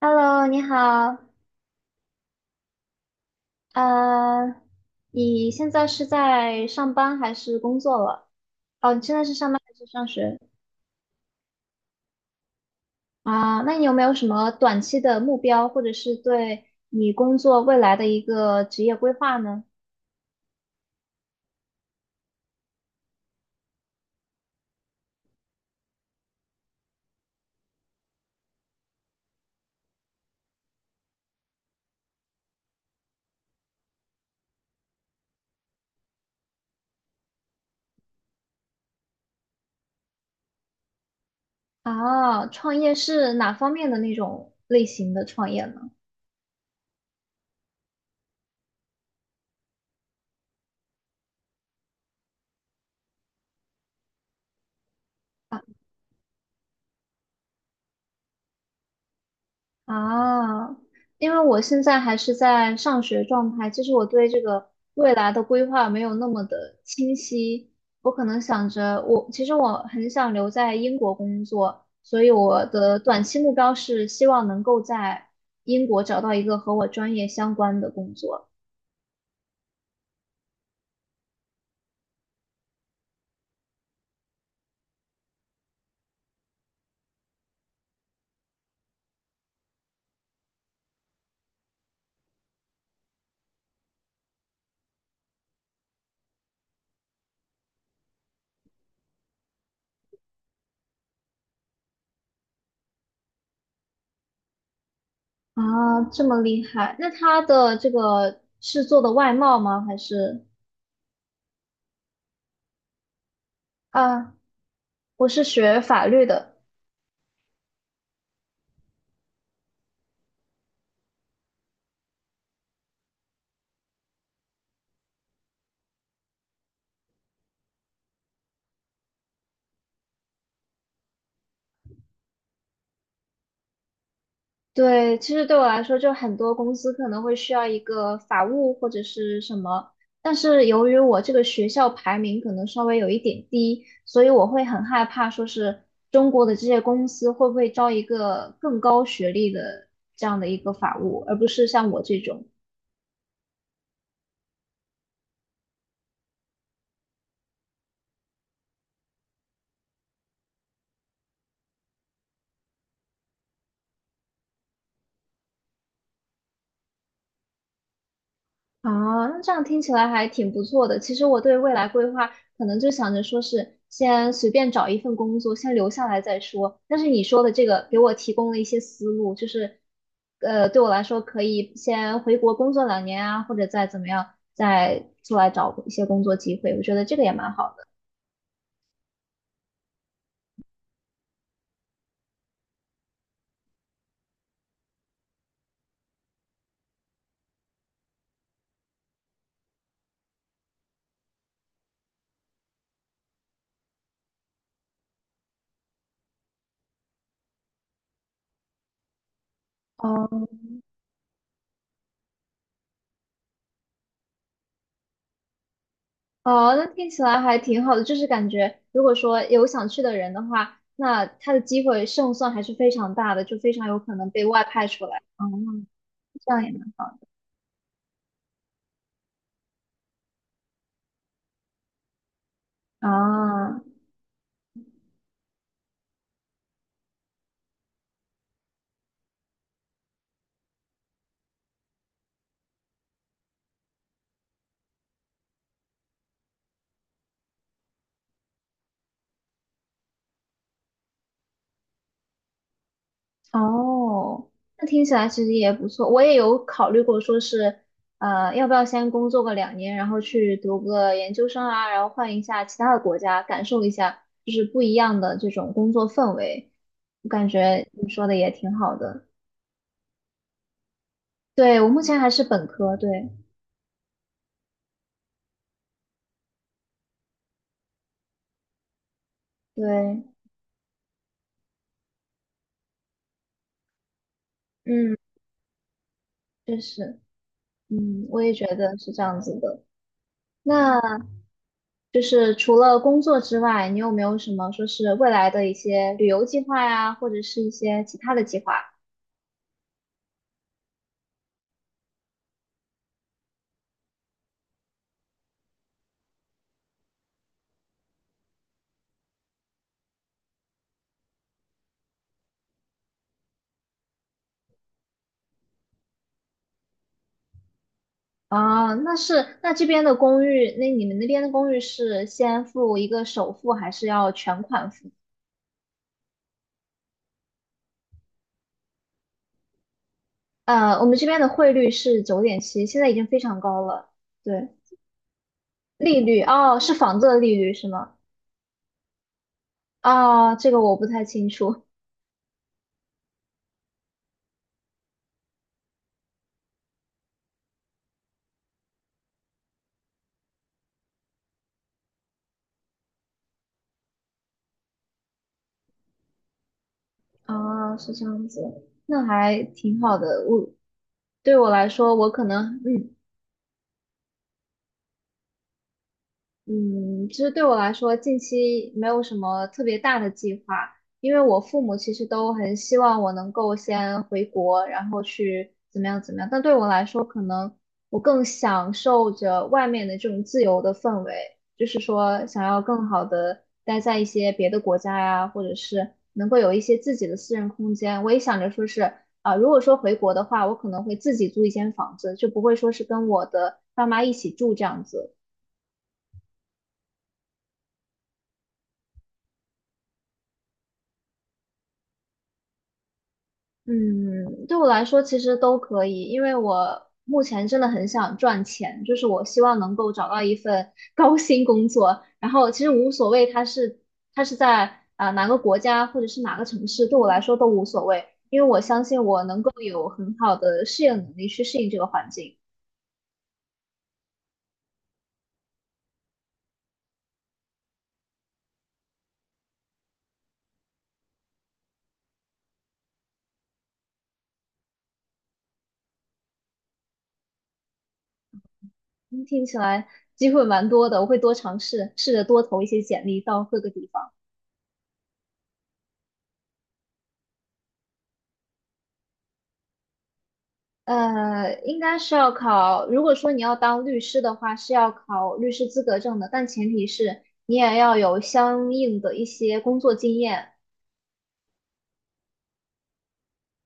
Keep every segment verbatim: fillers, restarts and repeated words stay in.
Hello，你好，呃，你现在是在上班还是工作了？哦，你现在是上班还是上学？啊，那你有没有什么短期的目标，或者是对你工作未来的一个职业规划呢？啊，创业是哪方面的那种类型的创业呢？啊，因为我现在还是在上学状态，就是我对这个未来的规划没有那么的清晰。我可能想着我，其实我很想留在英国工作，所以我的短期目标是希望能够在英国找到一个和我专业相关的工作。啊，这么厉害！那他的这个是做的外贸吗？还是啊，我是学法律的。对，其实对我来说，就很多公司可能会需要一个法务或者是什么，但是由于我这个学校排名可能稍微有一点低，所以我会很害怕，说是中国的这些公司会不会招一个更高学历的这样的一个法务，而不是像我这种。啊，那这样听起来还挺不错的。其实我对未来规划可能就想着说是先随便找一份工作，先留下来再说。但是你说的这个给我提供了一些思路，就是呃，对我来说可以先回国工作两年啊，或者再怎么样，再出来找一些工作机会。我觉得这个也蛮好的。哦，哦，那听起来还挺好的，就是感觉如果说有想去的人的话，那他的机会胜算还是非常大的，就非常有可能被外派出来。嗯。这样也蛮好的啊。哦，那听起来其实也不错。我也有考虑过，说是呃，要不要先工作个两年，然后去读个研究生啊，然后换一下其他的国家，感受一下就是不一样的这种工作氛围。我感觉你说的也挺好的。对，我目前还是本科，对对，嗯，确实，嗯，我也觉得是这样子的。那。就是除了工作之外，你有没有什么说是未来的一些旅游计划呀，或者是一些其他的计划？啊，那是，那这边的公寓，那你们那边的公寓是先付一个首付，还是要全款付？呃，我们这边的汇率是九点七，现在已经非常高了。对，利率，哦，是房子的利率是吗？啊，这个我不太清楚。啊，是这样子，那还挺好的。我对我来说，我可能，嗯。嗯，其实对我来说，近期没有什么特别大的计划，因为我父母其实都很希望我能够先回国，然后去怎么样怎么样。但对我来说，可能我更享受着外面的这种自由的氛围，就是说想要更好的待在一些别的国家呀，或者是能够有一些自己的私人空间。我也想着说是啊，如果说回国的话，我可能会自己租一间房子，就不会说是跟我的爸妈一起住这样子。嗯，对我来说其实都可以，因为我目前真的很想赚钱，就是我希望能够找到一份 高薪工作，然后其实无所谓它是它是在啊、呃哪个国家或者是哪个城市，对我来说都无所谓，因为我相信我能够有很好的适应能力去适应这个环境。嗯听起来机会蛮多的，我会多尝试，试着多投一些简历到各个地方。呃，应该是要考。如果说你要当律师的话，是要考律师资格证的，但前提是你也要有相应的一些工作经验。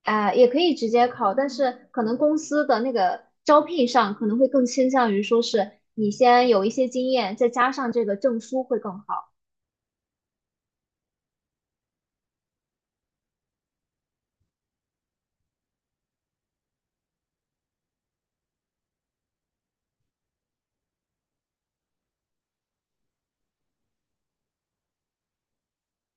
啊、也可以直接考，但是可能公司的那个招聘上可能会更倾向于说是你先有一些经验，再加上这个证书会更好。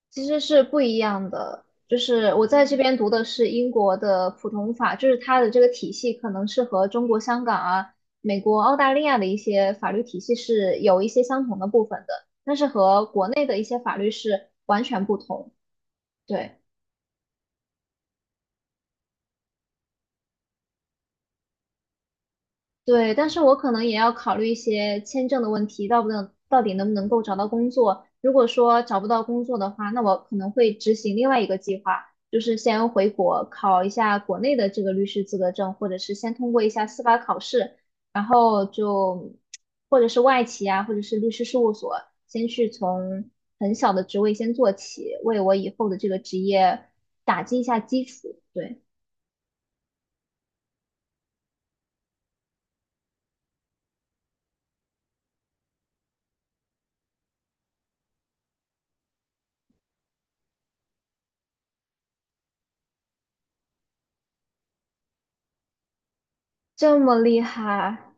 其实是不一样的，就是我在这边读的是英国的普通法，就是它的这个体系可能是和中国香港啊、美国、澳大利亚的一些法律体系是有一些相同的部分的，但是和国内的一些法律是完全不同。对。对，但是我可能也要考虑一些签证的问题，到不能到底能不能够找到工作。如果说找不到工作的话，那我可能会执行另外一个计划，就是先回国考一下国内的这个律师资格证，或者是先通过一下司法考试，然后就或者是外企啊，或者是律师事务所，先去从很小的职位先做起，为我以后的这个职业打击一下基础。对，这么厉害，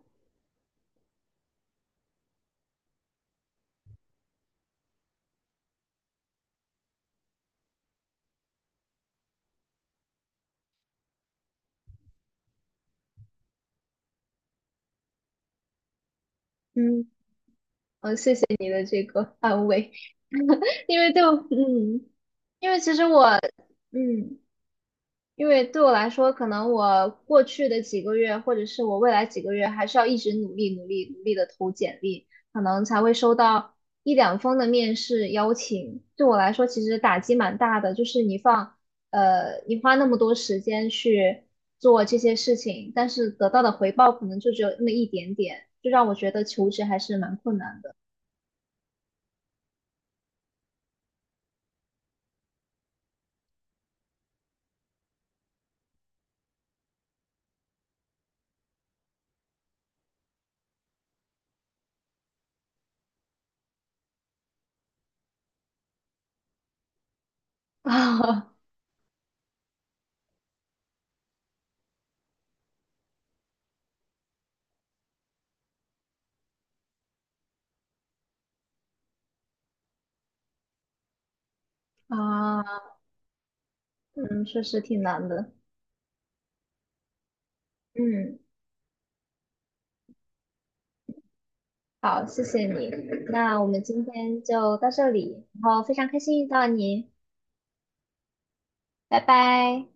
嗯，安慰。因为对我，嗯，因为其实我嗯，因为对我来说，可能我过去的几个月，或者是我未来几个月，还是要一直努力、努力、努力的投简历，可能才会收到一两封的面试邀请。对我来说，其实打击蛮大的，就是你放呃，你花那么多时间去做这些事情，但是得到的回报可能就只有那么一点点，就让我觉得求职还是蛮困难的 啊啊，嗯，确实挺难的。嗯，好，谢谢你。那我们今天就到这里，然后非常开心遇到你，拜拜。